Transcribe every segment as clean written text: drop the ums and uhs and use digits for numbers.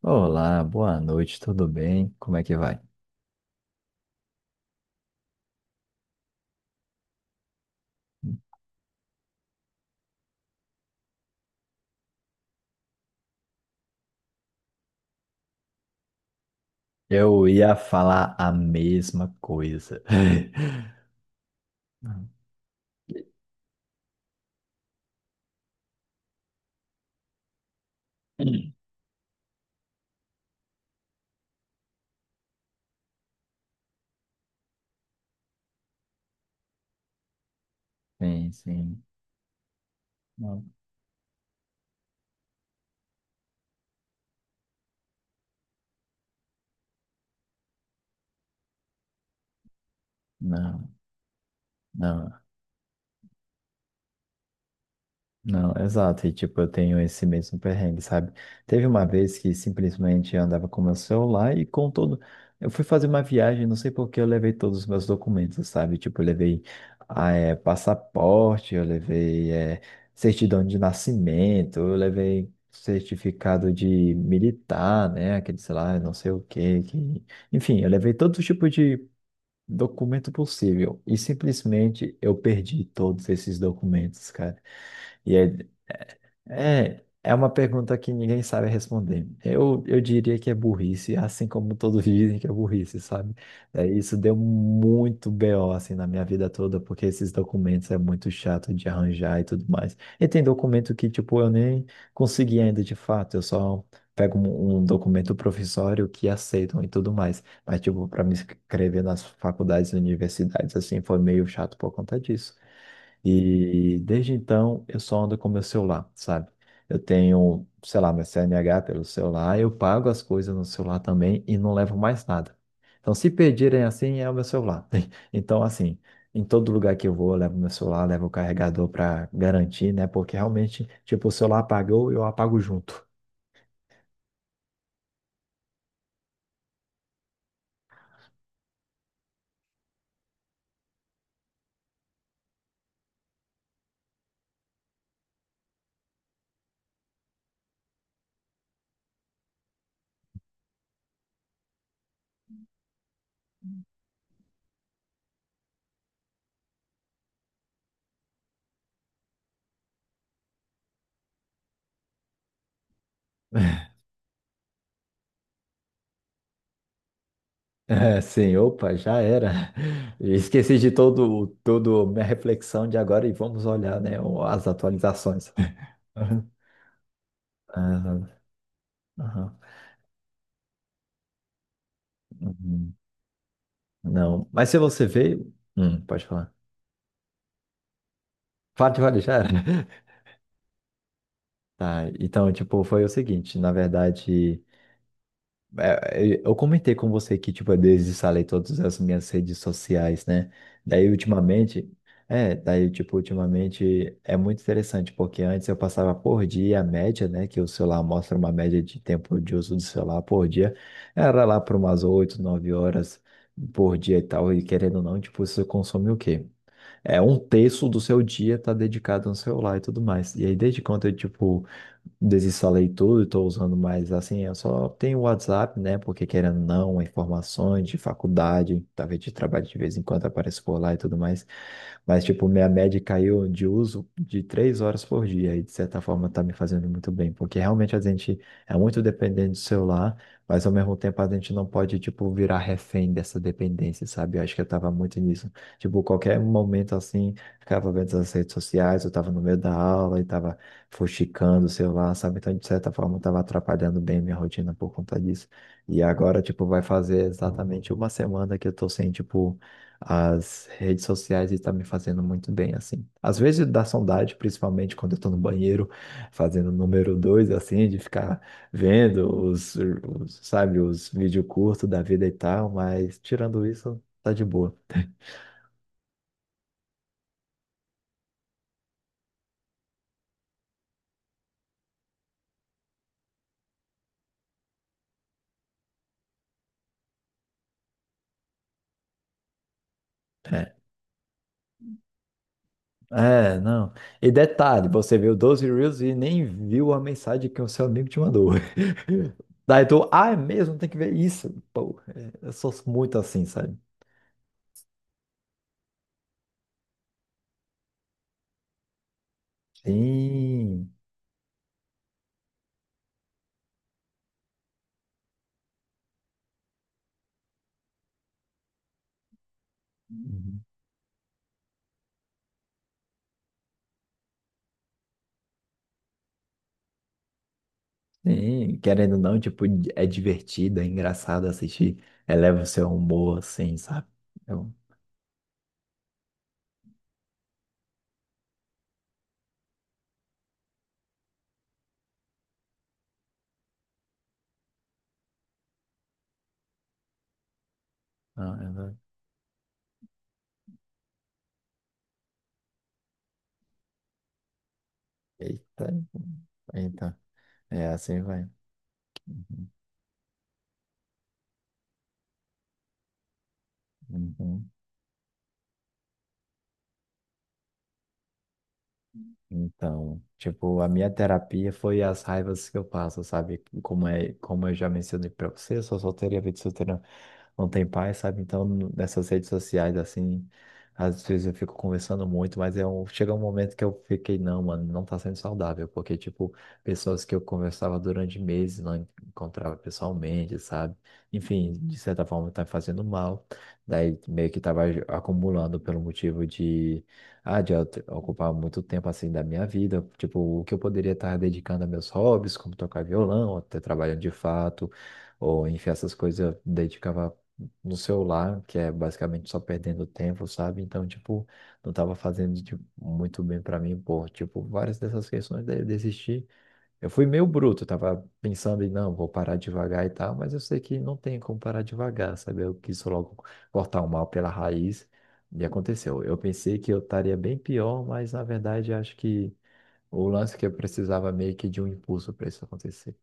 Olá, boa noite, tudo bem? Como é que vai? Eu ia falar a mesma coisa. Sim, sim. Não, não, não. Não, exato. E tipo, eu tenho esse mesmo perrengue, sabe? Teve uma vez que simplesmente eu andava com meu celular e com todo. Eu fui fazer uma viagem, não sei por que eu levei todos os meus documentos, sabe? Tipo, eu levei passaporte, eu levei certidão de nascimento, eu levei certificado de militar, né? Aquele, sei lá, não sei o quê, que. Enfim, eu levei todo tipo de documento possível. E simplesmente eu perdi todos esses documentos, cara. E aí, é uma pergunta que ninguém sabe responder. Eu diria que é burrice, assim como todos dizem que é burrice, sabe? É, isso deu muito BO assim na minha vida toda, porque esses documentos é muito chato de arranjar e tudo mais. E tem documento que, tipo, eu nem consegui ainda de fato, eu só pego um documento provisório que aceitam e tudo mais. Mas, tipo, para me inscrever nas faculdades e universidades, assim, foi meio chato por conta disso. E desde então eu só ando com meu celular, sabe? Eu tenho, sei lá, meu CNH pelo celular, eu pago as coisas no celular também e não levo mais nada. Então, se pedirem assim, é o meu celular. Então, assim, em todo lugar que eu vou, eu levo meu celular, levo o carregador para garantir, né? Porque realmente, tipo, o celular apagou, eu apago junto. É, sim, opa, já era. Esqueci de todo, todo minha reflexão de agora e vamos olhar, né, as atualizações. Aham, aham. Uhum. Não, mas se você veio. Pode falar. Fale, fale, já era. Tá, então, tipo, foi o seguinte, na verdade, é, eu comentei com você que, tipo, eu desinstalei todas as minhas redes sociais, né? Daí, ultimamente, tipo, ultimamente é muito interessante, porque antes eu passava por dia a média, né? Que o celular mostra uma média de tempo de uso do celular por dia, era lá por umas 8, 9 horas por dia e tal, e querendo ou não, tipo, isso consome o quê? É um terço do seu dia tá dedicado no celular e tudo mais. E aí, desde quando eu, tipo, desinstalei tudo e tô usando mais, assim, eu só tenho o WhatsApp, né? Porque querendo ou não, informações de faculdade, talvez de trabalho de vez em quando aparece por lá e tudo mais. Mas, tipo, minha média caiu de uso de 3 horas por dia e, de certa forma, tá me fazendo muito bem. Porque realmente a gente é muito dependente do celular, mas, ao mesmo tempo, a gente não pode, tipo, virar refém dessa dependência, sabe? Eu acho que eu tava muito nisso. Tipo, qualquer momento assim, ficava vendo as redes sociais, eu tava no meio da aula e tava fuxicando o celular, sabe? Então, de certa forma, eu tava atrapalhando bem minha rotina por conta disso. E agora, tipo, vai fazer exatamente uma semana que eu tô sem, tipo, as redes sociais e tá me fazendo muito bem, assim. Às vezes dá saudade, principalmente quando eu tô no banheiro fazendo número dois, assim, de ficar vendo os vídeos curtos da vida e tal, mas tirando isso, tá de boa. É. É, não. E detalhe, você viu 12 Reels e nem viu a mensagem que o seu amigo te mandou. Daí tu, ah, é mesmo, tem que ver isso. Pô, é, eu sou muito assim, sabe? Sim. Uhum. Sim. Querendo ou não, tipo, é divertido, é engraçado assistir. Eleva o seu humor, assim, sabe? Eu, ah, eu- eita, eita. É, assim vai. Uhum. Uhum. Então, tipo, a minha terapia foi as raivas que eu passo, sabe? Como é, como eu já mencionei pra você, eu sou solteiro e a vida solteira não tem paz, sabe? Então, nessas redes sociais, assim, às vezes eu fico conversando muito, mas é um, chega um momento que eu fiquei, não, mano, não tá sendo saudável, porque, tipo, pessoas que eu conversava durante meses, não encontrava pessoalmente, sabe? Enfim, de certa forma tá fazendo mal, daí meio que tava acumulando pelo motivo de ocupar muito tempo assim da minha vida, tipo, o que eu poderia estar dedicando a meus hobbies, como tocar violão, ou até trabalhando de fato, ou enfim, essas coisas eu dedicava no celular, que é basicamente só perdendo tempo, sabe? Então, tipo, não estava fazendo tipo, muito bem para mim, por tipo, várias dessas questões daí eu desisti, eu fui meio bruto, tava pensando em não, vou parar devagar e tal, mas eu sei que não tem como parar devagar, sabe? Eu quis logo cortar o mal pela raiz e aconteceu. Eu pensei que eu estaria bem pior, mas na verdade acho que o lance é que eu precisava meio que de um impulso para isso acontecer.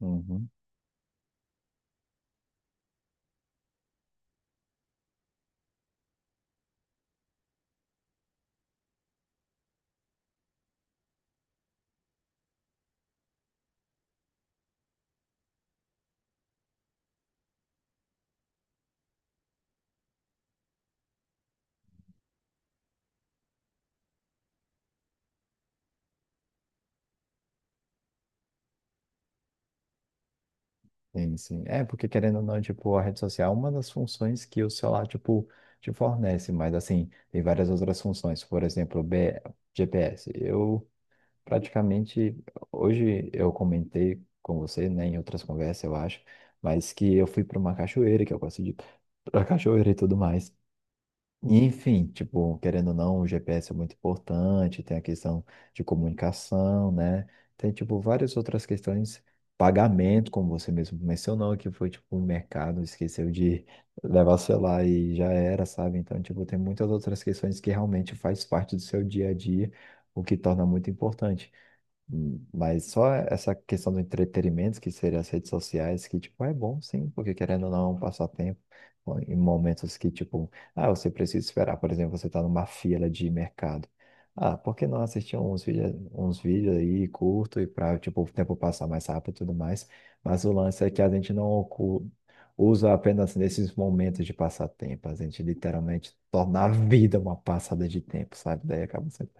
Uhum. Sim, sim. É, porque querendo ou não, tipo, a rede social é uma das funções que o celular, tipo, te fornece, mas assim, tem várias outras funções. Por exemplo, GPS. Praticamente, hoje eu comentei com você, né, em outras conversas, eu acho, mas que eu fui para uma cachoeira, que eu gosto de ir pra cachoeira e tudo mais. E, enfim, tipo, querendo ou não, o GPS é muito importante, tem a questão de comunicação, né? Tem, tipo, várias outras questões, pagamento, como você mesmo mencionou, que foi, tipo, o mercado esqueceu de levar o celular e já era, sabe? Então, tipo, tem muitas outras questões que realmente faz parte do seu dia a dia, o que torna muito importante. Mas só essa questão do entretenimento, que seria as redes sociais, que, tipo, é bom sim, porque querendo ou não, é um passatempo ó, em momentos que, tipo, ah, você precisa esperar, por exemplo, você está numa fila de mercado. Ah, por que não assistir uns vídeos aí curto e para, tipo, o tempo passar mais rápido e tudo mais? Mas o lance é que a gente não ocu- usa apenas nesses momentos de passatempo, a gente literalmente torna a vida uma passada de tempo, sabe? Daí acaba sendo.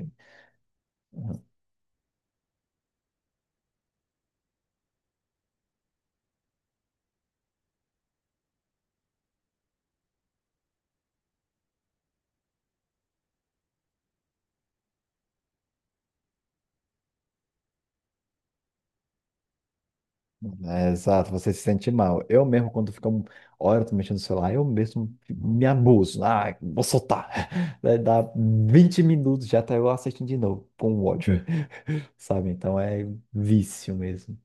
É, exato, você se sente mal. Eu mesmo, quando fica horas mexendo no celular, eu mesmo me abuso. Ah, vou soltar. Daí dá 20 minutos, já tá eu assistindo de novo, com ódio, sabe? Então é vício mesmo.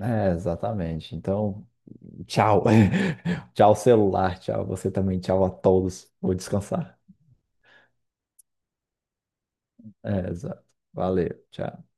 É, exatamente. Então, tchau. Tchau, celular. Tchau, você também. Tchau a todos. Vou descansar. É, exato. Valeu. Tchau.